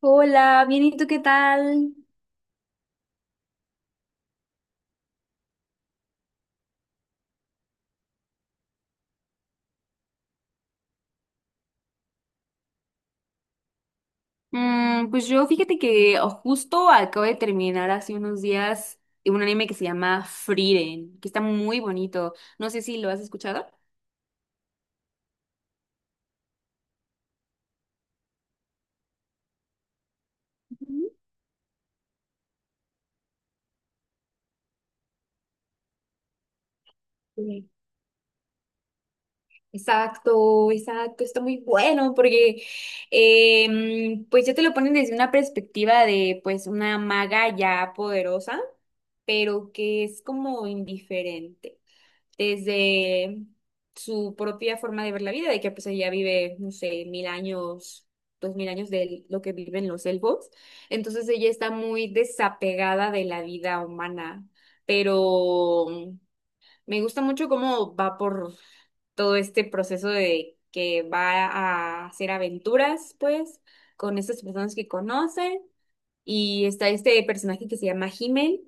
Hola, bien, ¿y tú qué tal? Pues yo fíjate que justo acabo de terminar hace unos días un anime que se llama Frieren, que está muy bonito. No sé si lo has escuchado. Ujú. Sí. Exacto, exacto, está muy bueno porque pues ya te lo ponen desde una perspectiva de pues una maga ya poderosa, pero que es como indiferente. Desde su propia forma de ver la vida, de que pues ella vive, no sé, 1000 años, 2000 años de lo que viven los elfos. Entonces ella está muy desapegada de la vida humana, pero me gusta mucho cómo va por todo este proceso de que va a hacer aventuras, pues, con estas personas que conoce. Y está este personaje que se llama Himmel,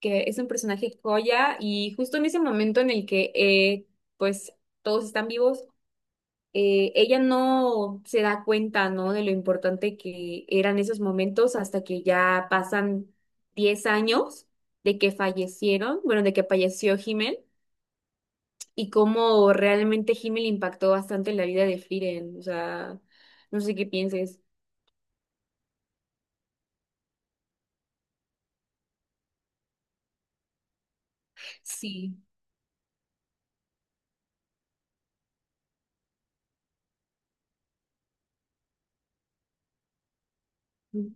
que es un personaje joya y justo en ese momento en el que pues todos están vivos, ella no se da cuenta, ¿no? De lo importante que eran esos momentos hasta que ya pasan 10 años de que fallecieron, bueno, de que falleció Himmel y cómo realmente Himmel impactó bastante en la vida de Frieren, o sea, no sé qué pienses. Sí. Ujú.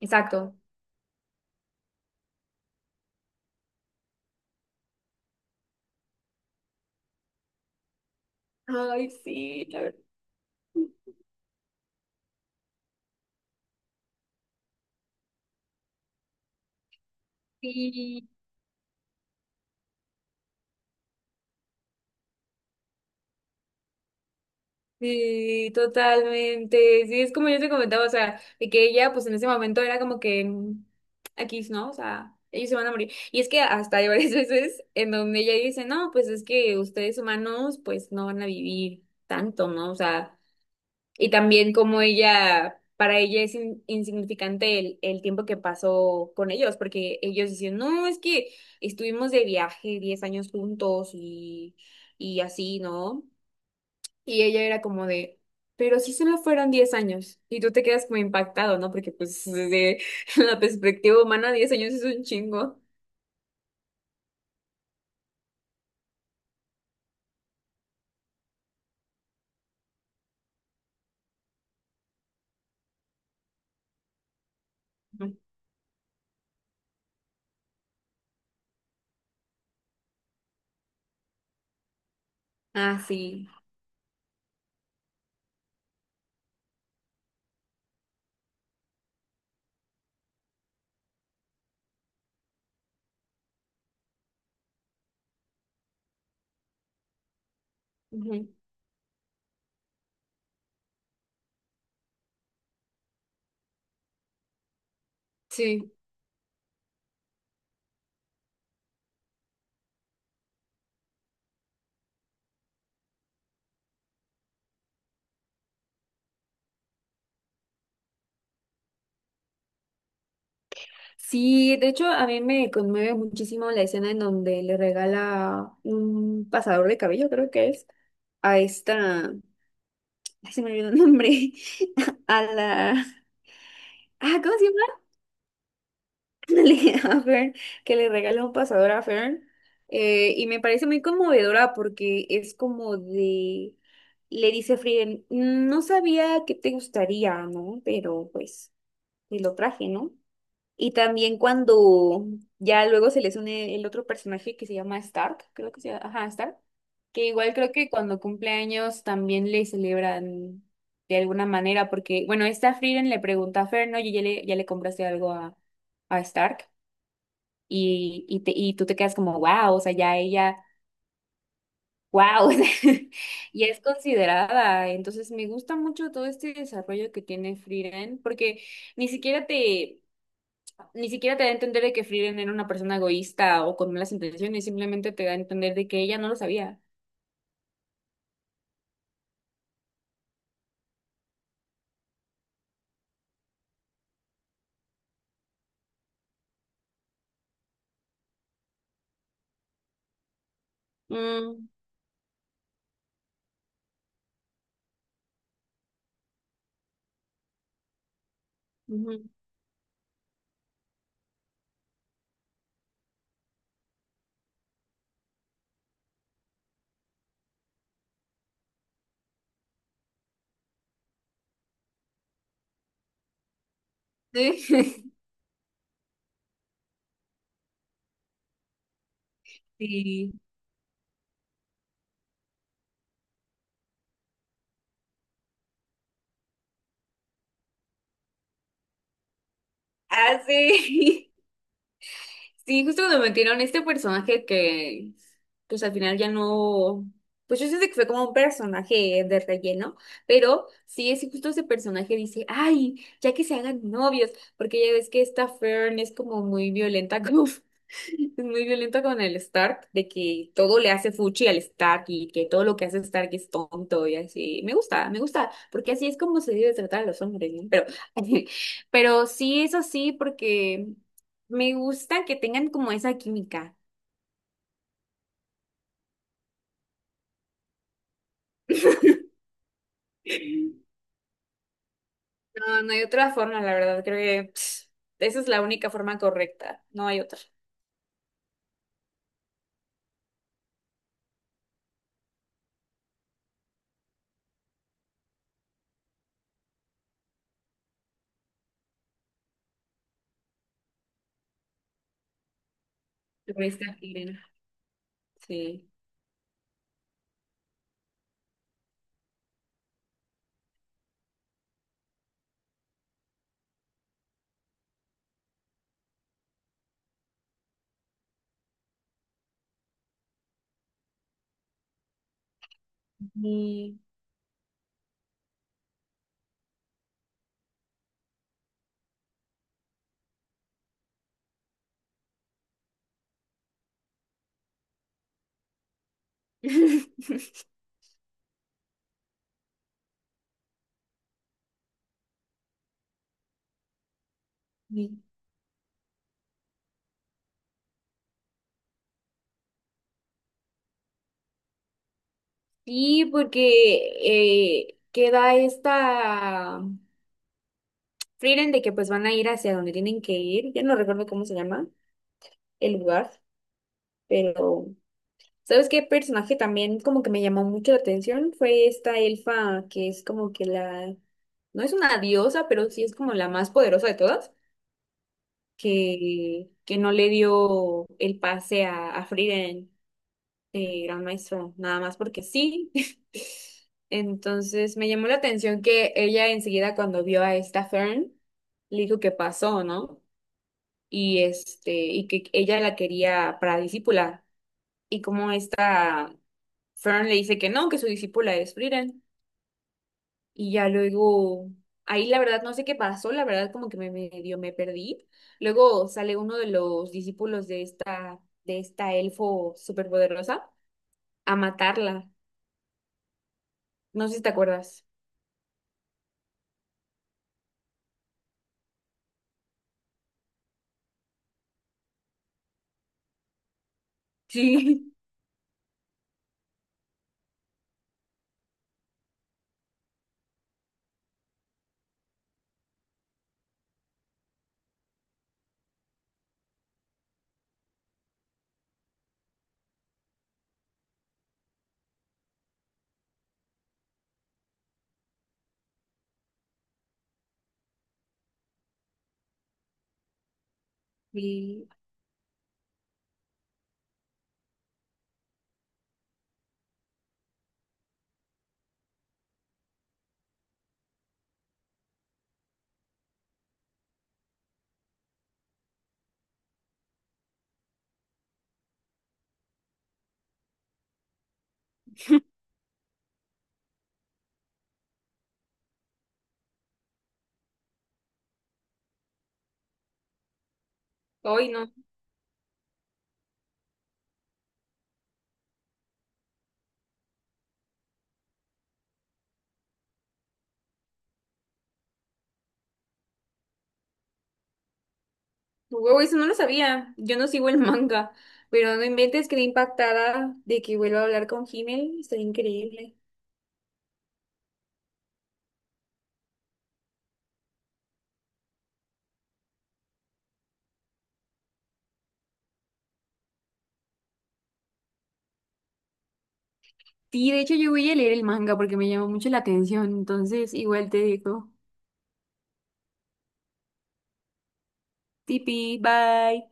Exacto. Ay, sí, la verdad. Sí. Sí, totalmente. Sí, es como yo te comentaba, o sea, de que ella, pues en ese momento era como que mm, aquí, ¿no? O sea, ellos se van a morir. Y es que hasta hay varias veces en donde ella dice, no, pues es que ustedes humanos, pues no van a vivir tanto, ¿no? O sea, y también como ella, para ella es insignificante el tiempo que pasó con ellos, porque ellos dicen, no, es que estuvimos de viaje 10 años juntos y así, ¿no? Y ella era como de, pero si solo fueron 10 años. Y tú te quedas como impactado, ¿no? Porque pues desde la perspectiva humana, 10 años es un chingo. Ujú. Ah, sí. Ujú. Sí. Sí, de hecho a mí me conmueve muchísimo la escena en donde le regala un pasador de cabello, creo que es, a esta, ay, se me olvidó el nombre, a la, ah, ¿cómo se llama? A Fern, que le regala un pasador a Fern. Y me parece muy conmovedora porque es como de, le dice Frieden, no sabía que te gustaría, ¿no? Pero pues te lo traje, ¿no? Y también cuando ya luego se les une el otro personaje que se llama Stark, creo que se llama, ajá, Stark, que igual creo que cuando cumple años también le celebran de alguna manera, porque bueno, esta Frieden le pregunta a Fern, ¿no? Y ya le compraste algo a Stark y tú te quedas como, wow, o sea, ya ella, wow, ya es considerada. Entonces me gusta mucho todo este desarrollo que tiene Frieren, porque ni siquiera te, ni siquiera te da a entender de que Frieren era una persona egoísta o con malas intenciones, simplemente te da a entender de que ella no lo sabía. Mm, Ujú. Sí. Sí. Ah, sí. Sí, justo cuando metieron este personaje que, pues al final ya no, pues yo siento que fue como un personaje de relleno, pero sí, es justo ese personaje dice, ay, ya que se hagan novios, porque ya ves que esta Fern es como muy violenta, como, es muy violenta con el Stark, de que todo le hace fuchi al Stark y que todo lo que hace Stark es tonto y así. Me gusta, porque así es como se debe tratar a los hombres, ¿no? Pero, pero sí es así porque... Me gusta que tengan como esa química. No, no hay otra forma, la verdad. Creo que pss, esa es la única forma correcta. No hay otra. Lo viste a Irene. Sí. Y, sí porque queda esta Frieren de que pues van a ir hacia donde tienen que ir. Ya no recuerdo cómo se llama el lugar, pero ¿sabes qué personaje también como que me llamó mucho la atención? Fue esta elfa que es como que la, no es una diosa, pero sí es como la más poderosa de todas, que no le dio el pase a Frieren, Gran Maestro, nada más porque sí. Entonces me llamó la atención que ella enseguida cuando vio a esta Fern, le dijo que pasó, ¿no? Y este, y que ella la quería para discípula. Y como esta Fern le dice que no, que su discípula es Frieren. Y ya luego, ahí la verdad no sé qué pasó, la verdad como que me medio me perdí. Luego sale uno de los discípulos de esta elfo superpoderosa a matarla. No sé si te acuerdas. Sí. Y hoy no. Huevo, eso no lo sabía. Yo no sigo el manga. Pero no inventes, quedé impactada de que vuelva a hablar con Himmel. Está increíble. Sí, de hecho yo voy a leer el manga porque me llamó mucho la atención. Entonces, igual te digo. Tipi, bye.